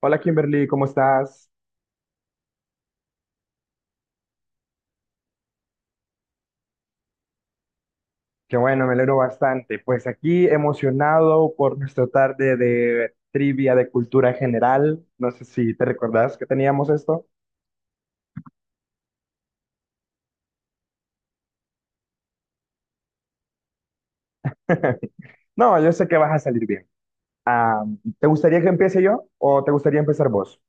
Hola Kimberly, ¿cómo estás? Qué bueno, me alegro bastante. Pues aquí emocionado por nuestra tarde de trivia de cultura general. No sé si te recordás que teníamos esto. No, yo sé que vas a salir bien. Ah, ¿te gustaría que empiece yo o te gustaría empezar vos?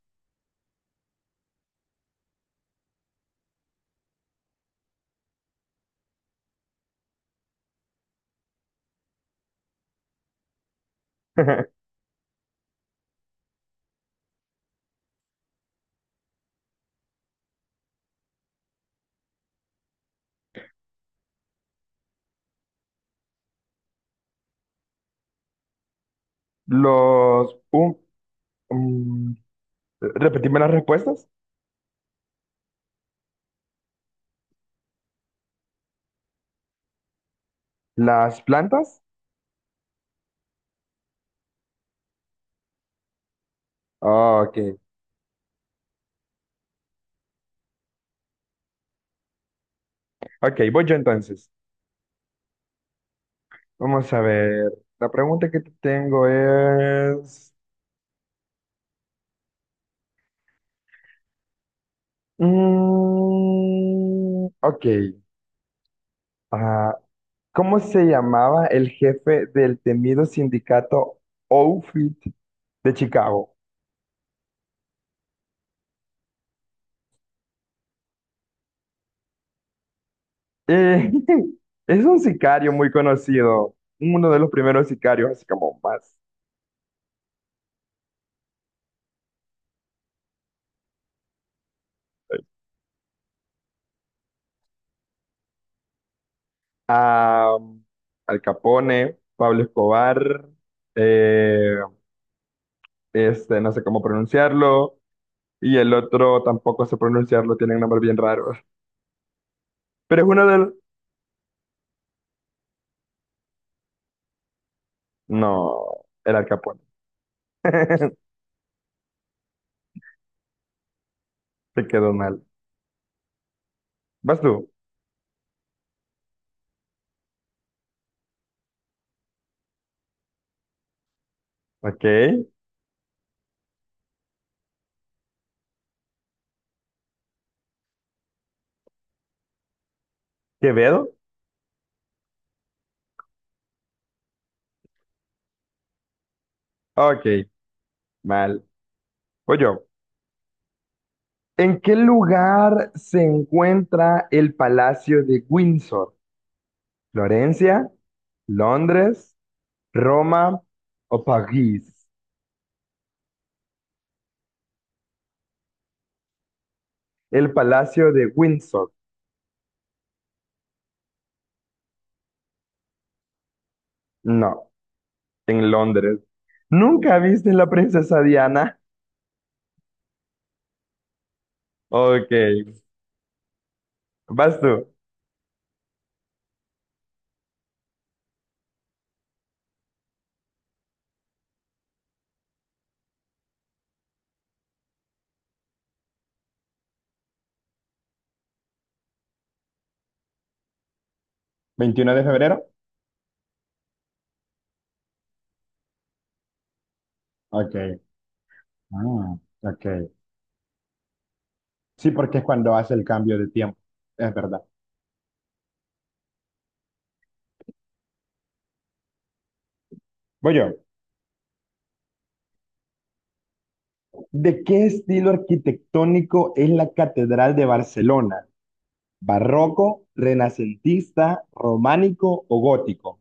Los... um, um, Repetime las respuestas. ¿Las plantas? Ah, ok. Ok, voy yo entonces. Vamos a ver. La pregunta que te tengo es... Mm, ok. Ah, ¿cómo se llamaba el jefe del temido sindicato Outfit de Chicago? Eh, es un sicario muy conocido, uno de los primeros sicarios, así como más. Ah, Al Capone, Pablo Escobar, eh, este, no sé cómo pronunciarlo, y el otro tampoco sé pronunciarlo, tiene un nombre bien raro. Pero es uno de los... No, era Al Capone. Te quedó mal. Vas tú. Ok. Quevedo. Ok. Mal. Voy yo. ¿En qué lugar se encuentra el Palacio de Windsor? ¿Florencia? ¿Londres? ¿Roma? ¿O París? El Palacio de Windsor. No, en Londres. ¿Nunca viste la princesa Diana? Ok. Vas tú. ¿21 de febrero. Ok. Ah, ok. Sí, porque es cuando hace el cambio de tiempo. Es verdad. Voy yo. ¿De qué estilo arquitectónico es la Catedral de Barcelona? ¿Barroco, renacentista, románico o gótico?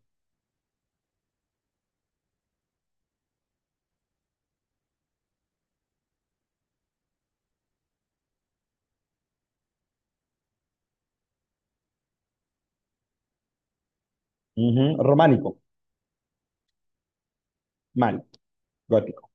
Ujú, románico, mal, gótico.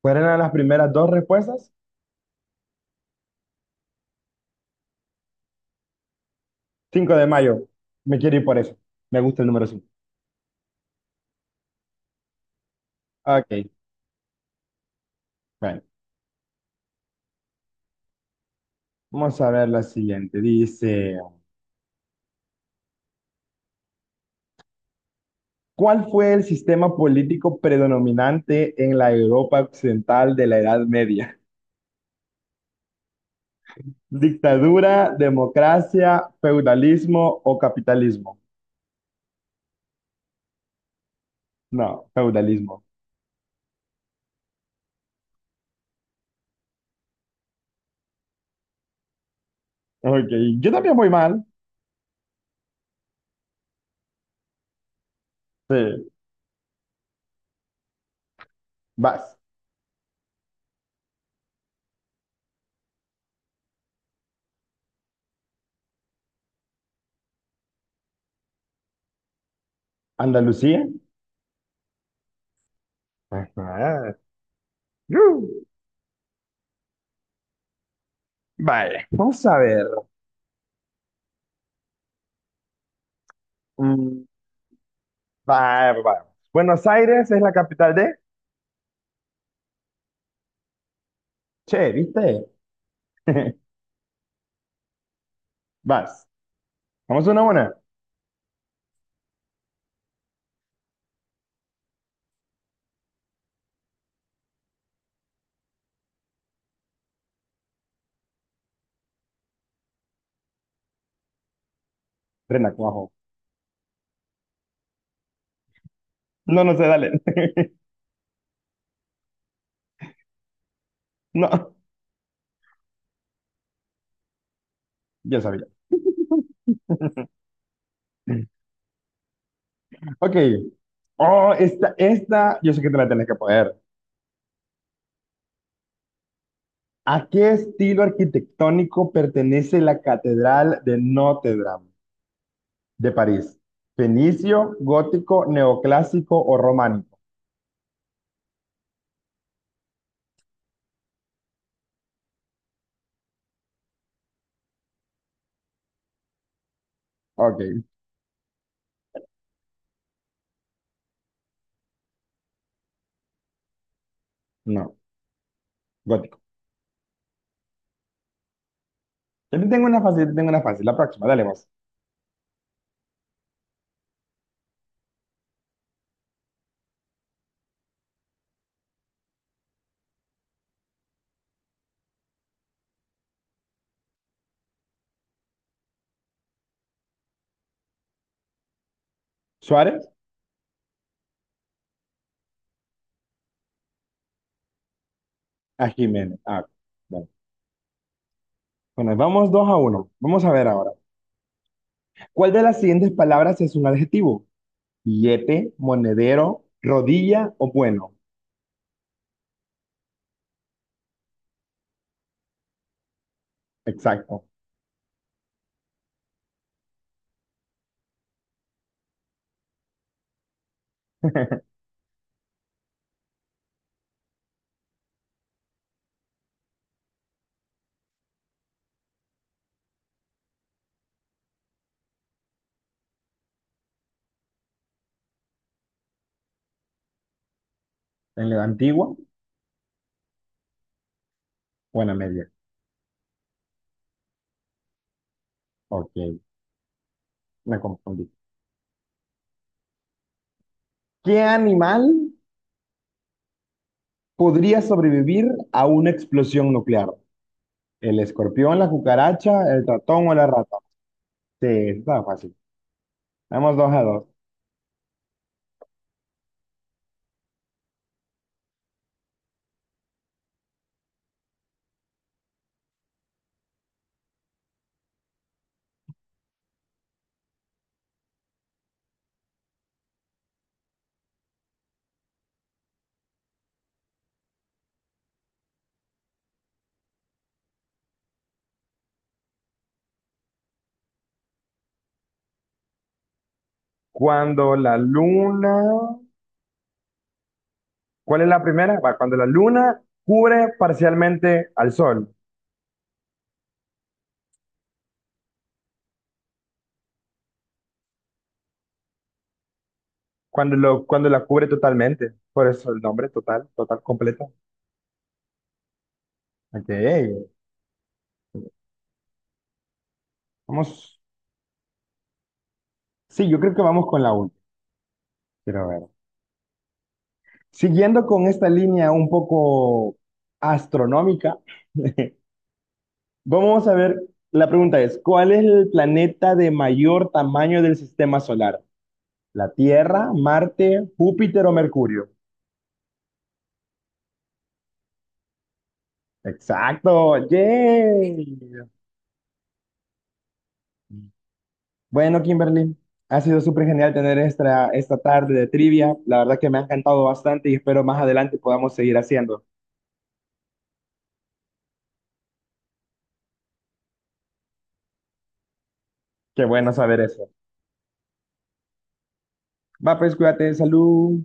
¿Cuáles eran las primeras dos respuestas? 5 de mayo. Me quiero ir por eso. Me gusta el número 5. Ok, bueno. Vamos a ver la siguiente. Dice, ¿cuál fue el sistema político predominante en la Europa occidental de la Edad Media? Dictadura, democracia, feudalismo o capitalismo. No, feudalismo. Ok, yo también voy mal. Sí, vas. Andalucía. Ajá. Uh, Vale, vamos a ver. Mm, va- va- Buenos Aires es la capital de... Che, ¿viste? Vas. Vamos una a una. Renacuajo. No, no sé, dale. No, yo sabía. Ok. Oh, esta, yo sé que te la tenés que poder. ¿A qué estilo arquitectónico pertenece la Catedral de Notre Dame de París? ¿Fenicio, gótico, neoclásico o románico? Ok, no, gótico. Yo te tengo una fácil, te tengo una fácil. La próxima, dale vos. Suárez a Jiménez. Ah, bueno. Bueno, vamos 2-1. Vamos a ver ahora. ¿Cuál de las siguientes palabras es un adjetivo? Billete, monedero, rodilla o bueno. Exacto. En la antigua, buena media. Ok, me confundí. ¿Qué animal podría sobrevivir a una explosión nuclear? ¿El escorpión, la cucaracha, el ratón o la rata? Sí, está fácil. Vamos 2-2. Cuando la luna... ¿Cuál es la primera? Va, cuando la luna cubre parcialmente al sol. Cuando, lo, cuando la cubre totalmente. Por eso el nombre total, total, completa. Ok. Vamos. Sí, yo creo que vamos con la última. Quiero ver. Siguiendo con esta línea un poco astronómica. Vamos a ver, la pregunta es, ¿cuál es el planeta de mayor tamaño del sistema solar? ¿La Tierra, Marte, Júpiter o Mercurio? Exacto, yay. Bueno, Kimberly, ha sido súper genial tener esta, esta tarde de trivia. La verdad que me ha encantado bastante y espero más adelante podamos seguir haciendo. Qué bueno saber eso. Va, pues cuídate, salud.